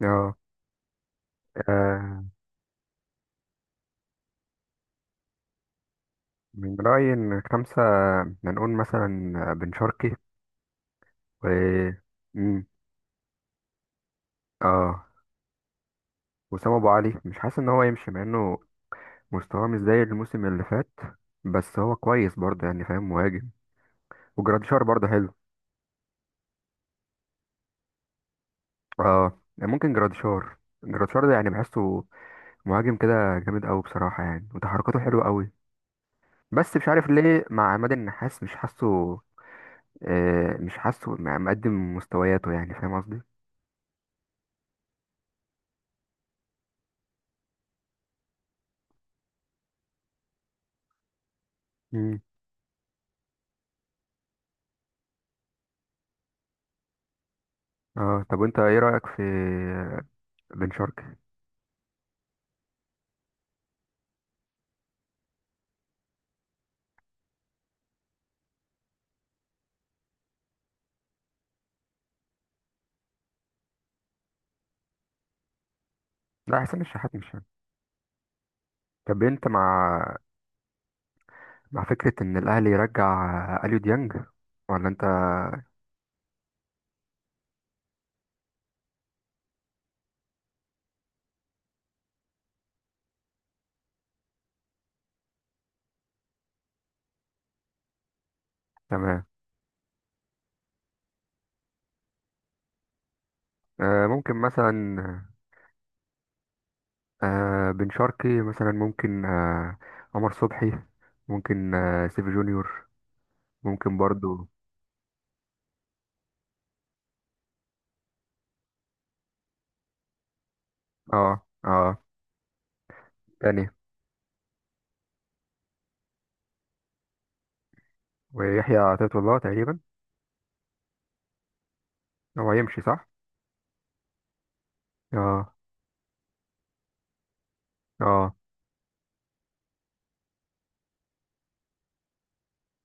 اه، آه، من رأيي إن خمسة، هنقول مثلا بن شرقي، و مم. اه وسام أبو علي مش حاسس إن هو يمشي، مع إنه مستواه مش زي الموسم اللي فات، بس هو كويس برضه، يعني فاهم، مهاجم. وجراديشار برضه حلو. اه ممكن جراديشار. ده يعني بحسه مهاجم كده جامد أوي بصراحة، يعني وتحركاته حلوة أوي، بس مش عارف ليه مع عماد النحاس مش حاسه. مش حاسه مقدم مستوياته، يعني فاهم قصدي؟ اه طب وانت ايه رأيك في بن شرقي؟ لا، حسين الشحات مش يعني. طب انت مع فكرة ان الاهلي يرجع اليو ديانج، ولا انت؟ تمام. آه ممكن مثلا آه بن شرقي مثلا ممكن، عمر صبحي ممكن، سيف جونيور ممكن برضو. اه اه تاني ويحيى عطية الله تقريبا. هو هيمشي صح؟ اه اه.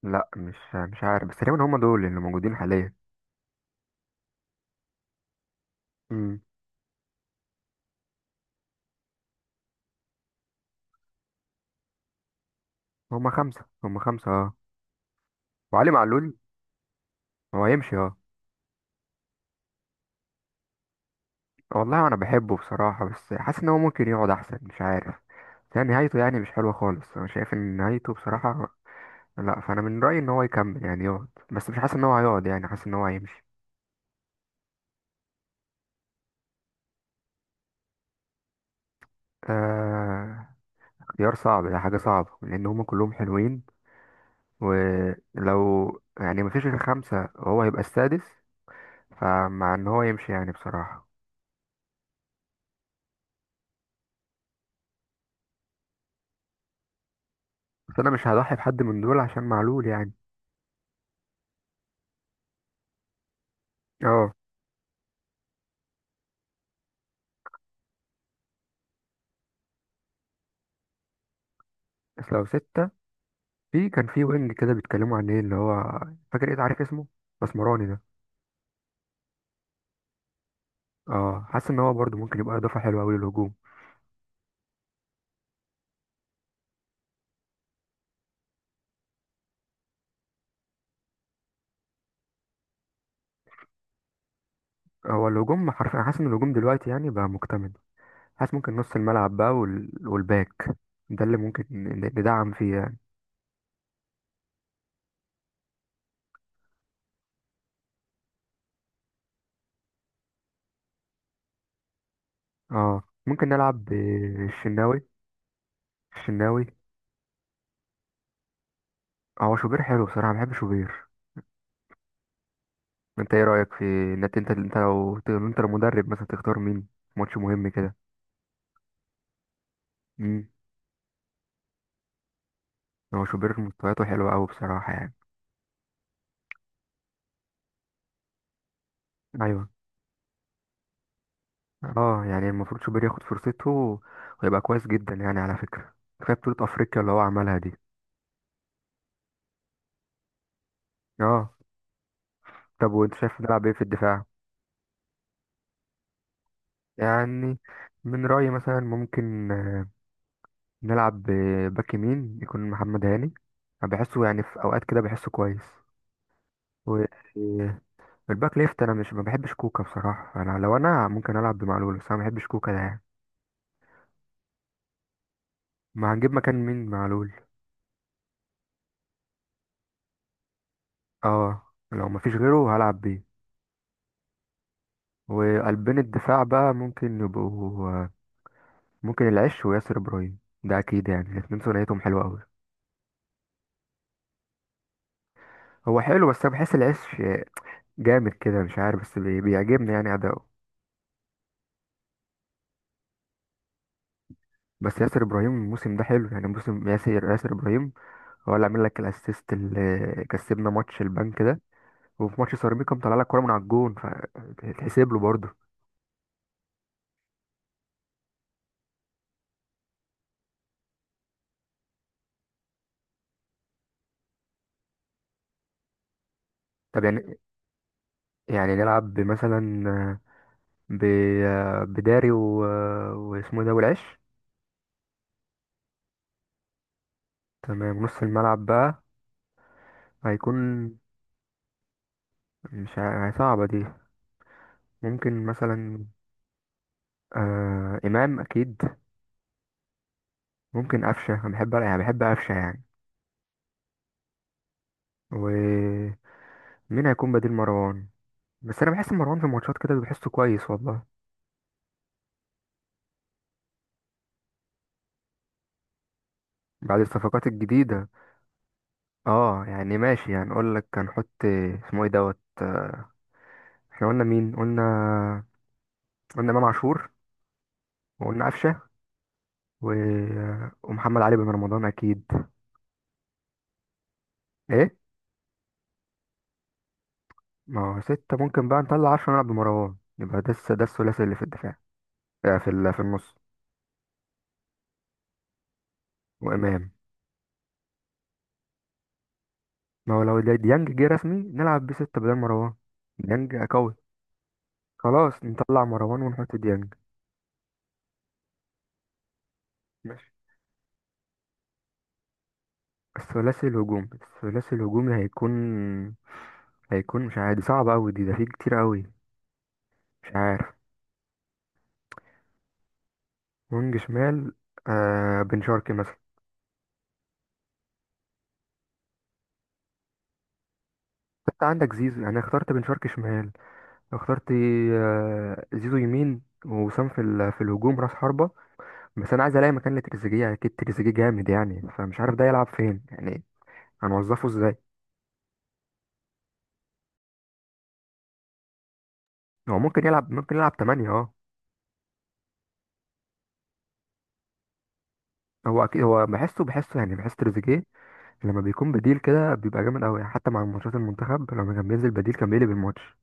لا، مش عارف بس تقريبا هم دول اللي موجودين حاليا. امم هم خمسة، هم خمسة. اه، وعلي معلول هو يمشي. اه والله انا بحبه بصراحة، بس حاسس ان هو ممكن يقعد احسن، مش عارف. يعني نهايته، يعني مش حلوة خالص، انا شايف ان نهايته بصراحة لا، فانا من رأيي ان هو يكمل يعني يقعد، بس مش حاسس ان هو هيقعد، يعني حاسس ان هو هيمشي. آه اختيار صعب ده، حاجة صعبة لان هما كلهم حلوين، ولو يعني مفيش غير خمسة وهو هيبقى السادس، فمع ان هو يمشي يعني بصراحة. بس انا مش هضحي بحد من دول عشان معلول يعني. اه بس لو ستة، في كان في وينج كده بيتكلموا عن ايه اللي هو، فاكر ايه، عارف اسمه، مسمراني ده. اه حاسس ان هو برضه ممكن يبقى اضافه حلوه قوي للهجوم. هو الهجوم حرفيا، حاسس ان الهجوم دلوقتي يعني بقى مكتمل. حاسس ممكن نص الملعب بقى، والباك، ده اللي ممكن ندعم فيه يعني. اه ممكن نلعب بالشناوي. الشناوي. هو شوبير حلو بصراحه، بحب شوبير. انت ايه رايك في ان انت، لو انت المدرب مثلا، تختار مين ماتش مهم كده؟ امم هو شوبير مستوياته حلوه قوي بصراحه يعني. ايوه، اه يعني المفروض شوبير ياخد فرصته ويبقى كويس جدا، يعني على فكرة كفاية بطولة افريقيا اللي هو عملها دي. اه طب وانت شايف نلعب ايه في الدفاع؟ يعني من رأيي مثلا ممكن، نلعب باك يمين يكون محمد هاني، أنا بحسه يعني في اوقات كده بحسه كويس. والباك ليفت، انا مش، ما بحبش كوكا بصراحة، انا لو انا ممكن العب بمعلول، بس انا ما بحبش كوكا ده يعني. ما هنجيب مكان مين معلول؟ اه، لو ما فيش غيره هلعب بيه. وقلبين الدفاع بقى ممكن يبقوا، ممكن العش وياسر ابراهيم، ده اكيد يعني الاتنين ثنائيتهم حلوه قوي. هو حلو بس انا بحس العش جامد كده، مش عارف بس بيعجبني يعني اداؤه. بس ياسر ابراهيم الموسم ده حلو، يعني موسم ياسر ابراهيم، هو اللي عامل لك الاسيست اللي كسبنا ماتش البنك ده، وفي ماتش سيراميكا مطلع لك كوره من على الجون فتحسب له برضه. طب يعني، نلعب مثلا ب بداري واسمه إيه ده، والعش. تمام. نص الملعب بقى هيكون، مش صعبة دي، ممكن مثلا، إمام أكيد، ممكن قفشة، أنا بحب يعني بحب قفشة يعني. ومين هيكون بديل مروان؟ بس أنا بحس مروان في الماتشات كده بحسه كويس والله. بعد الصفقات الجديدة، اه يعني ماشي يعني أقول لك هنحط، اسمه ايه دوت احنا قلنا مين؟ قلنا إمام عاشور، وقلنا قفشة، و... آه، ومحمد علي بن رمضان أكيد. ايه؟ ما هو ستة، ممكن بقى نطلع 10 نلعب بمروان، يبقى ده ده الثلاثي اللي في الدفاع، في النص. وإمام. ما هو لو ديانج جه رسمي نلعب بستة بدل مروان. ديانج قوي، خلاص نطلع مروان ونحط ديانج. ماشي. الثلاثي الهجومي هيكون، هيكون مش عادي، صعب أوي دي، ده فيه كتير أوي. مش عارف. وينج شمال؟ بن شرقي مثلا. انت عندك زيزو يعني، اخترت بن شرقي شمال، اخترت، زيزو يمين، وسام في في الهجوم راس حربة. بس انا عايز الاقي مكان لتريزيجيه، اكيد تريزيجيه جامد يعني، فمش عارف ده يلعب فين يعني، هنوظفه ازاي؟ هو ممكن يلعب، ممكن يلعب 8. اه هو اكيد، هو بحسه يعني بحس تريزيجيه لما بيكون بديل كده بيبقى جامد قوي، يعني حتى مع ماتشات المنتخب لما كان بينزل بديل كان بيقلب الماتش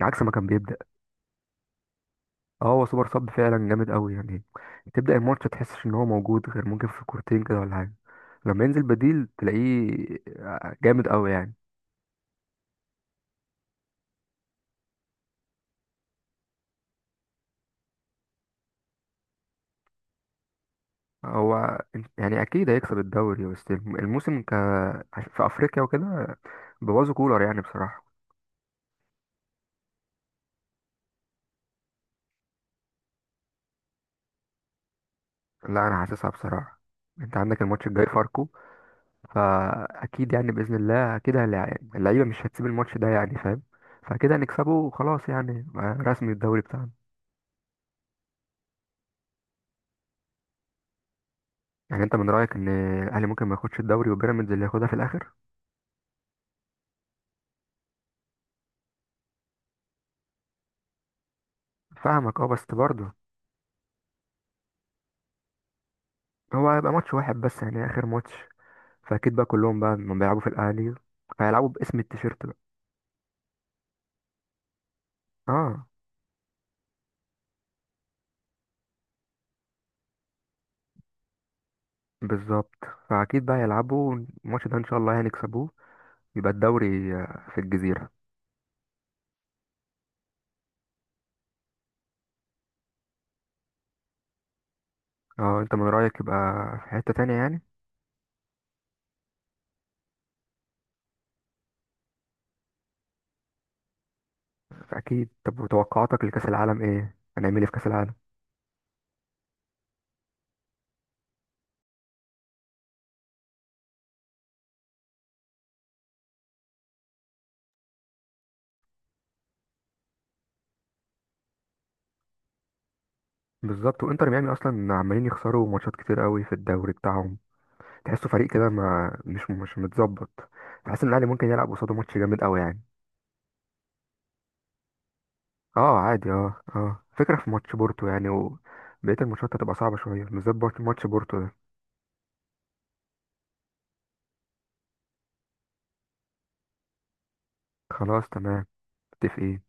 عكس ما كان بيبدأ. اه، هو سوبر صب فعلا جامد قوي يعني. تبدأ الماتش تحسش ان هو موجود، غير ممكن في كورتين كده ولا حاجة، لما ينزل بديل تلاقيه جامد قوي يعني. هو يعني اكيد هيكسب الدوري، بس الموسم في افريقيا وكده بوظوا كولر يعني بصراحة. لا، انا حاسسها بصراحة. انت عندك الماتش الجاي فاركو، فاكيد يعني باذن الله كده اللعيبه مش هتسيب الماتش ده يعني فاهم. فكده هنكسبه وخلاص، يعني رسمي الدوري بتاعنا. يعني انت من رايك ان الاهلي ممكن ما ياخدش الدوري وبيراميدز اللي ياخدها في الاخر؟ فاهمك، بس برضه هو هيبقى ماتش واحد بس، يعني اخر ماتش، فاكيد بقى كلهم بقى لما بيلعبوا في الاهلي هيلعبوا باسم التيشيرت بقى. اه، بالظبط، فاكيد بقى يلعبوا الماتش ده ان شاء الله هنكسبوه، يبقى الدوري في الجزيره. اه انت من رايك يبقى في حته تانية يعني؟ اكيد. طب وتوقعاتك لكاس العالم ايه؟ هنعمل ايه في كاس العالم؟ بالظبط، وانتر ميامي اصلا عمالين يخسروا ماتشات كتير قوي في الدوري بتاعهم، تحسه فريق كده ما، مش متظبط، تحس ان الاهلي ممكن يلعب قصاده ماتش جامد قوي يعني. اه عادي اه اه فكره في ماتش بورتو يعني، وبقيه الماتشات هتبقى صعبه شويه، بالذات ماتش بورتو ده. خلاص، تمام، متفقين.